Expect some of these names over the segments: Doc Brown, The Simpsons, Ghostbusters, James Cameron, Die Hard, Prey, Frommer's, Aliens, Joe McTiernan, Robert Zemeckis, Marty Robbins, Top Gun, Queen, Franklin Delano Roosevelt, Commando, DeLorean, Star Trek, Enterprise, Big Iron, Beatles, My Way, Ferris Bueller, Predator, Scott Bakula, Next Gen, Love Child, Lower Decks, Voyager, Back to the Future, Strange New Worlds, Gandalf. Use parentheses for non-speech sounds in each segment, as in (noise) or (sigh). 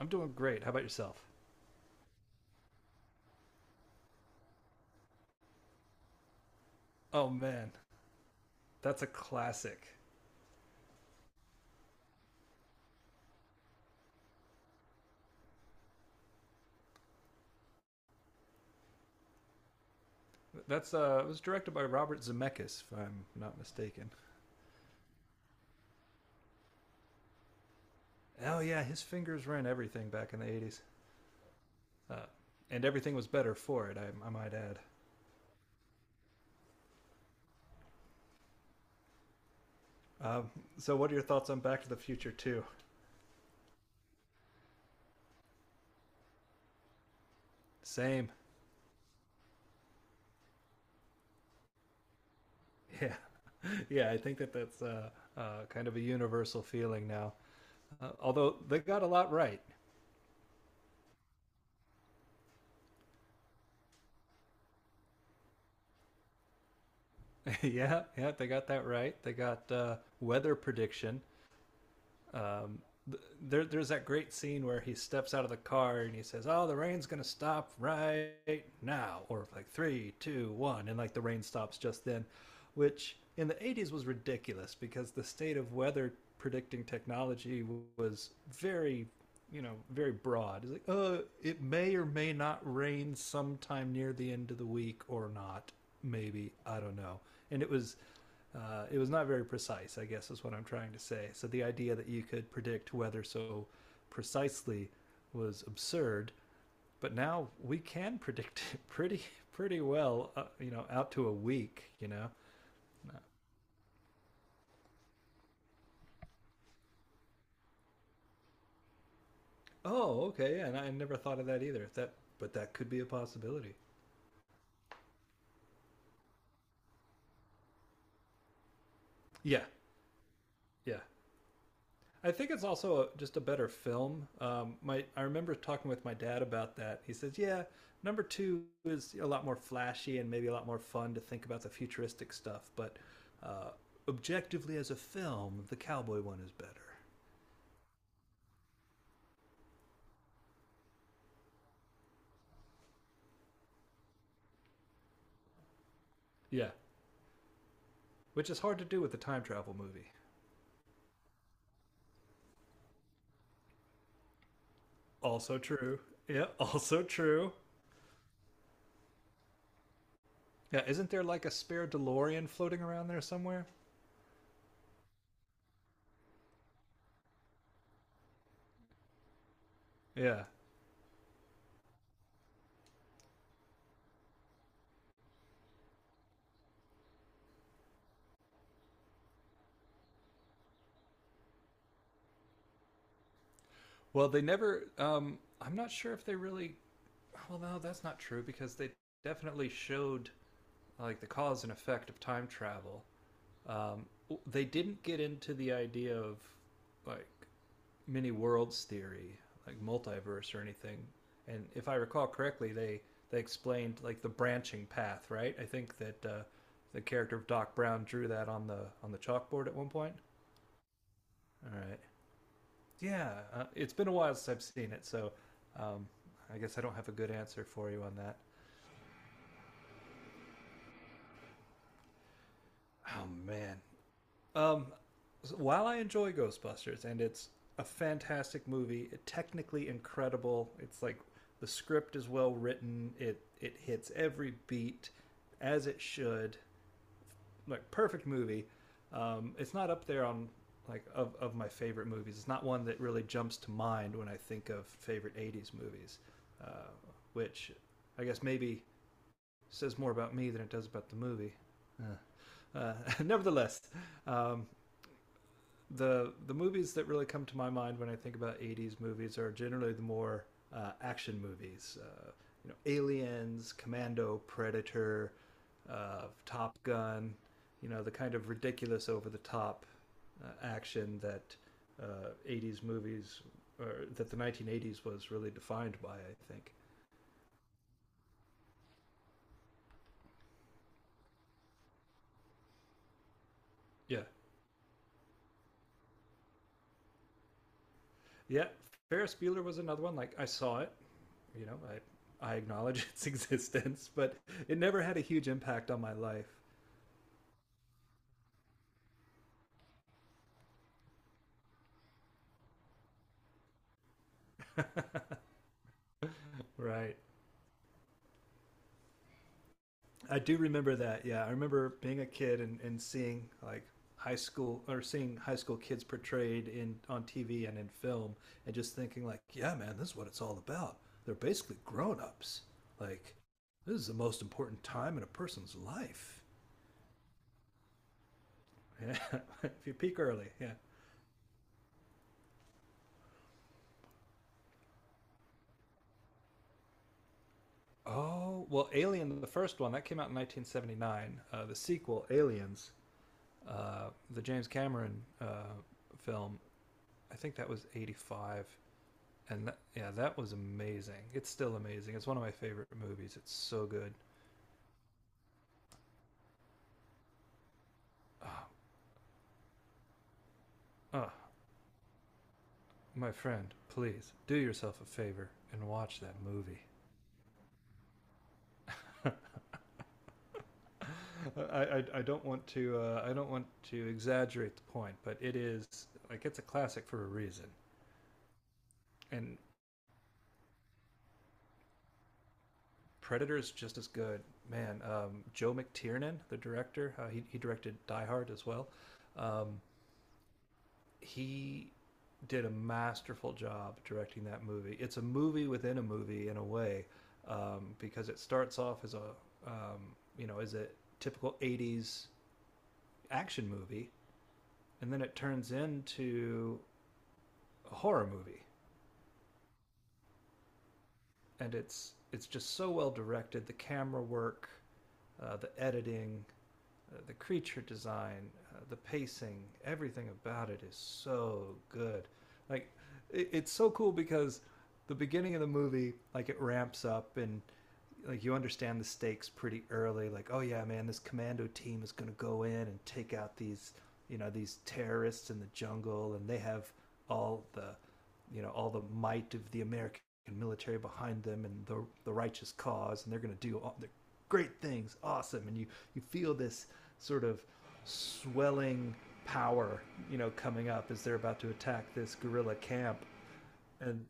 I'm doing great. How about yourself? Oh man, that's a classic. That's It was directed by Robert Zemeckis, if I'm not mistaken. Oh yeah, his fingers were in everything back in the '80s, uh, and everything was better for it. I might add. Um, so, what are your thoughts on Back to the Future too? Same. (laughs) Yeah, yeah. I think that's kind of a universal feeling now. Although they got a lot right. (laughs) Yeah, yeah, they got that right. They got weather prediction. Um, there's that great scene where he steps out of the car and he says, "Oh, the rain's gonna stop right now," or like three, two, one, and like the rain stops just then, which in the '80s was ridiculous because the state of weather predicting technology was very, you know, very broad. It's like, oh, it may or may not rain sometime near the end of the week, or not, maybe, I don't know. And it was not very precise, I guess, is what I'm trying to say. So the idea that you could predict weather so precisely was absurd. But now we can predict (laughs) it pretty well, you know, out to a week. You know, oh, okay, yeah, and I never thought of that either. If that, but that could be a possibility. Yeah, yeah, I think it's also just a better film. My I remember talking with my dad about that. He says, "Yeah, number two is a lot more flashy and maybe a lot more fun to think about the futuristic stuff, but uh, objectively as a film, the cowboy one is better." Yeah, which is hard to do with a time travel movie. Also true. Yeah, (laughs) also true. Yeah, isn't there like a spare DeLorean floating around there somewhere? Yeah. Well, they never. I'm not sure if they really— well, no, that's not true because they definitely showed like the cause and effect of time travel. Um, they didn't get into the idea of like many worlds theory, like multiverse or anything. And if I recall correctly, they explained like the branching path, right? I think that the character of Doc Brown drew that on the chalkboard at one point. All right, yeah, it's been a while since I've seen it, so um, I guess I don't have a good answer for you on that. Oh man. Um, so while I enjoy Ghostbusters and it's a fantastic movie, technically incredible. It's like the script is well written. It hits every beat as it should. Like, perfect movie. It's not up there on like of my favorite movies. It's not one that really jumps to mind when I think of favorite '80s movies, uh, which I guess maybe says more about me than it does about the movie. Uh, uh, (laughs) Nevertheless, um, the movies that really come to my mind when I think about '80s movies are generally the more action movies. You know, Aliens, Commando, Predator, Top Gun. You know, the kind of ridiculous, over the top action that '80s movies, or that the 1980s, was really defined by. I think. Yeah, yeah. Ferris Bueller was another one. Like, I saw it. You know, I acknowledge (laughs) its existence, but it never had a huge impact on my life. (laughs) Right. I do remember that. Yeah, I remember being a kid and seeing like high school, or seeing high school kids portrayed in on TV and in film, and just thinking like, yeah, man, this is what it's all about. They're basically grown ups. Like, this is the most important time in a person's life. Yeah, (laughs) if you peak early. Yeah. Oh well, Alien, the first one that came out in 1979. The sequel, Aliens, the James Cameron film. I think that was 85, and that, yeah, that was amazing. It's still amazing. It's one of my favorite movies. It's so good. Ah, oh, my friend, please do yourself a favor and watch that movie. I don't want to I don't want to exaggerate the point, but it is like, it's a classic for a reason. And Predator is just as good, man. Joe McTiernan, the director, he directed Die Hard as well. Um, he did a masterful job directing that movie. It's a movie within a movie in a way, because it starts off as a you know, as a typical '80s action movie, and then it turns into a horror movie, and it's just so well directed. The camera work, the editing, the creature design, the pacing, everything about it is so good. Like, it's so cool because the beginning of the movie, like, it ramps up, and like, you understand the stakes pretty early. Like, oh yeah, man, this commando team is gonna go in and take out these, you know, these terrorists in the jungle, and they have all the, you know, all the might of the American military behind them and the righteous cause, and they're going to do all the great things, awesome, and you feel this sort of swelling power, you know, coming up as they're about to attack this guerrilla camp, and.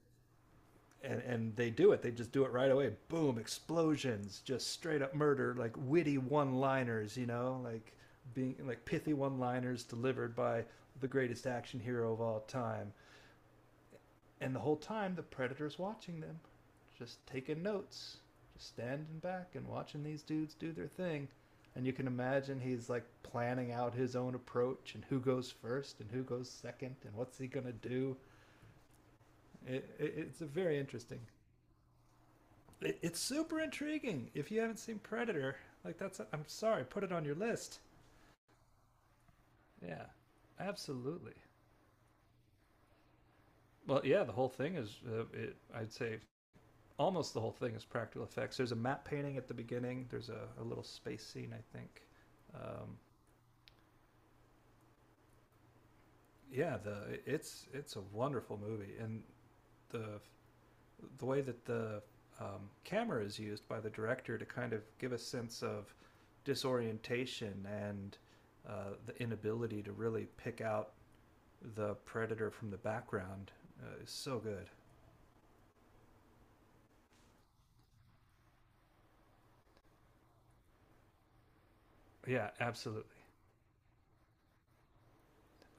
And they do it. They just do it right away. Boom! Explosions, just straight up murder, like witty one-liners. You know, like being like pithy one-liners delivered by the greatest action hero of all time, and the whole time, the predator's watching them, just taking notes, just standing back and watching these dudes do their thing. And you can imagine he's like planning out his own approach and who goes first and who goes second and what's he going to do. It's a very interesting. It's super intriguing. If you haven't seen Predator, like, that's, a, I'm sorry, put it on your list. Yeah, absolutely. Well, yeah, the whole thing is, it, I'd say, almost the whole thing is practical effects. There's a matte painting at the beginning. There's a little space scene, I think. Um, yeah, the it's a wonderful movie, and the the way that the camera is used by the director to kind of give a sense of disorientation and the inability to really pick out the predator from the background is so good. Yeah, absolutely.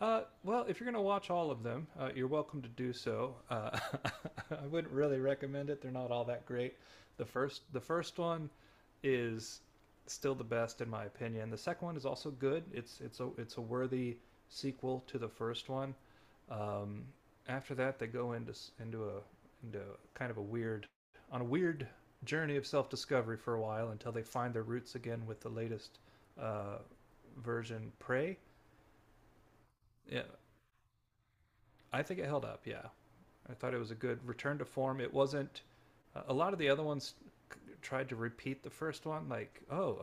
Well, if you're going to watch all of them, you're welcome to do so. (laughs) I wouldn't really recommend it. They're not all that great. The first one is still the best in my opinion. The second one is also good. It's a worthy sequel to the first one. Um, After that, they go into a into kind of a weird on a weird journey of self discovery for a while until they find their roots again with the latest uh, version, Prey. Yeah, I think it held up. Yeah, I thought it was a good return to form. It wasn't. A lot of the other ones tried to repeat the first one, like, oh,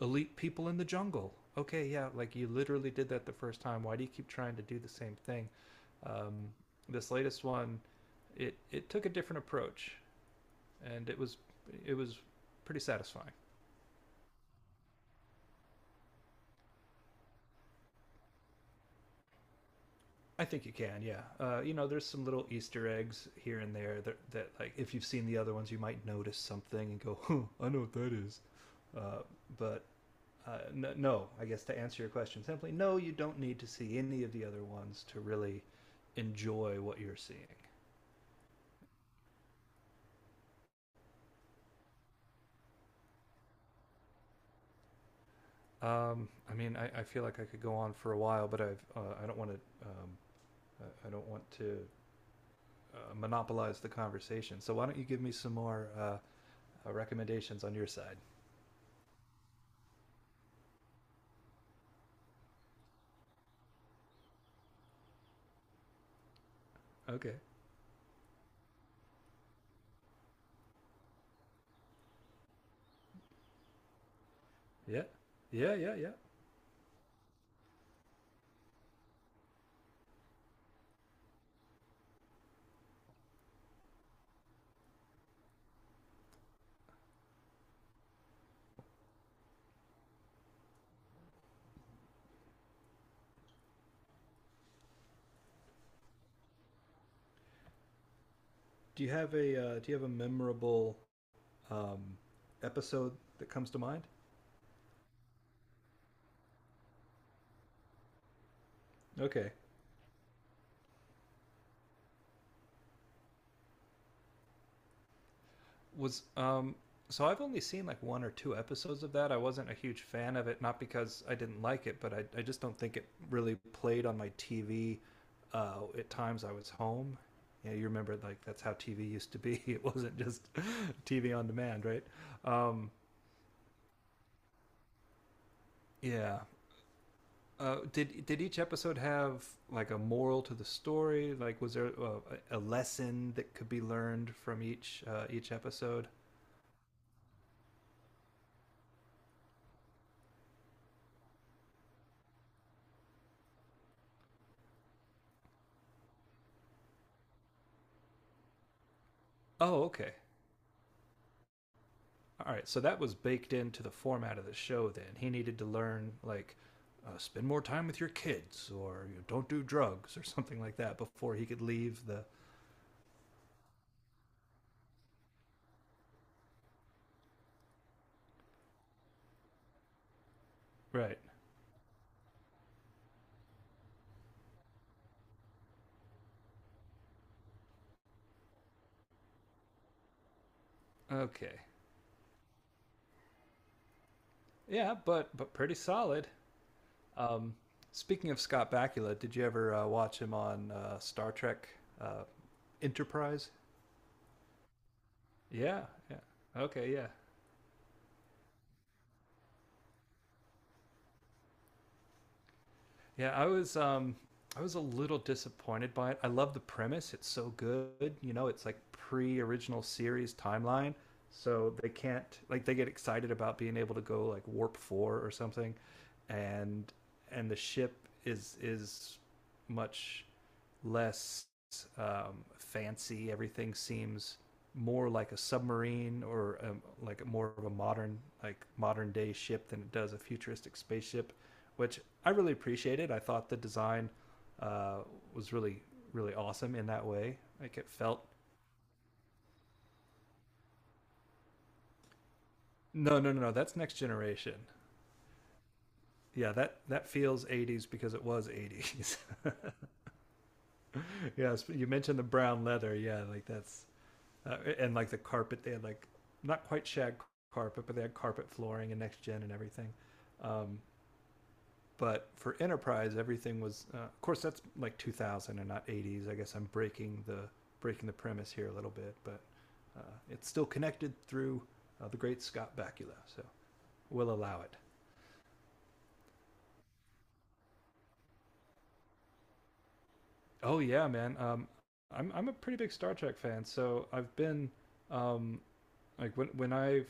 elite people in the jungle. Okay, yeah, like you literally did that the first time. Why do you keep trying to do the same thing? Um, this latest one, it took a different approach, and it was pretty satisfying. I think you can, yeah. You know, there's some little Easter eggs here and there that, that, like, if you've seen the other ones, you might notice something and go, huh, I know what that is. Uh, but no, no, I guess to answer your question simply, no, you don't need to see any of the other ones to really enjoy what you're seeing. I mean, I feel like I could go on for a while, but I've, I don't want to, don't want to monopolize the conversation. So why don't you give me some more recommendations on your side? Okay. Yeah, yeah, yeah, yeah. Do you have a do you have a memorable um, episode that comes to mind? Okay, was so I've only seen like one or two episodes of that. I wasn't a huge fan of it, not because I didn't like it, but I just don't think it really played on my TV. At times I was home. Yeah, you remember, like, that's how TV used to be. (laughs) It wasn't just TV on demand, right? Um, yeah. Did each episode have like a moral to the story? Like, was there a lesson that could be learned from each episode? Oh, okay, all right. So that was baked into the format of the show. Then he needed to learn like, spend more time with your kids, or you know, don't do drugs or something like that before he could leave the, right. Okay, yeah, but pretty solid. Um, speaking of Scott Bakula, did you ever watch him on Star Trek uh, Enterprise? Yeah, yeah. Okay, yeah. Yeah, I was a little disappointed by it. I love the premise. It's so good. You know, it's like pre-original series timeline. So they can't, like, they get excited about being able to go like warp 4 or something, and the ship is much less fancy. Everything seems more like a submarine, or like a, more of a modern, like modern day ship than it does a futuristic spaceship, which I really appreciated. I thought the design uh, was really awesome in that way. Like it felt— no no no no, that's next generation. Yeah, that that feels '80s because it was '80s. (laughs) Yes, you mentioned the brown leather. Yeah, like that's and like the carpet. They had like not quite shag carpet, but they had carpet flooring and next gen and everything. Um, but for enterprise, everything was. Of course, that's like 2000 and not '80s. I guess I'm breaking the premise here a little bit, but uh, it's still connected through the great Scott Bakula, so we'll allow it. Oh yeah, man. I'm a pretty big Star Trek fan, so I've been um, like when I've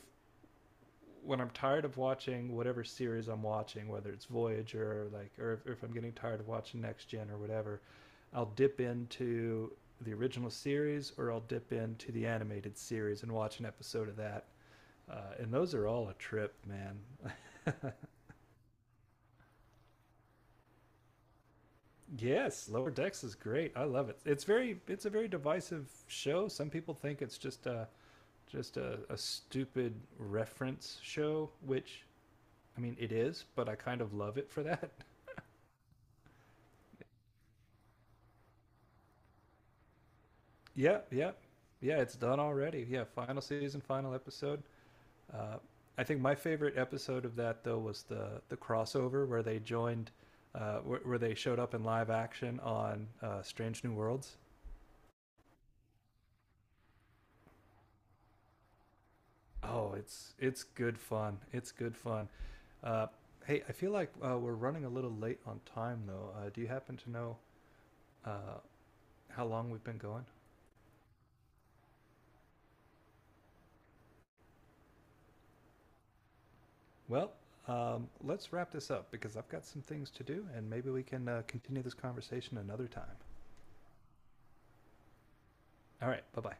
when I'm tired of watching whatever series I'm watching, whether it's Voyager or like, or if I'm getting tired of watching Next Gen or whatever, I'll dip into the original series, or I'll dip into the animated series and watch an episode of that. And those are all a trip, man. (laughs) Yes, Lower Decks is great. I love it. It's very, it's a very divisive show. Some people think it's just a stupid reference show, which I mean it is, but I kind of love it for that. (laughs) Yeah, yeah, yeah. It's done already. Yeah, final season, final episode. Uh, I think my favorite episode of that though was the crossover where they joined, where they showed up in live action on Strange New Worlds. Oh, it's good fun. It's good fun. Uh, Hey, I feel like we're running a little late on time though. Do you happen to know uh, how long we've been going? Well, let's wrap this up because I've got some things to do, and maybe we can continue this conversation another time. All right. Bye bye.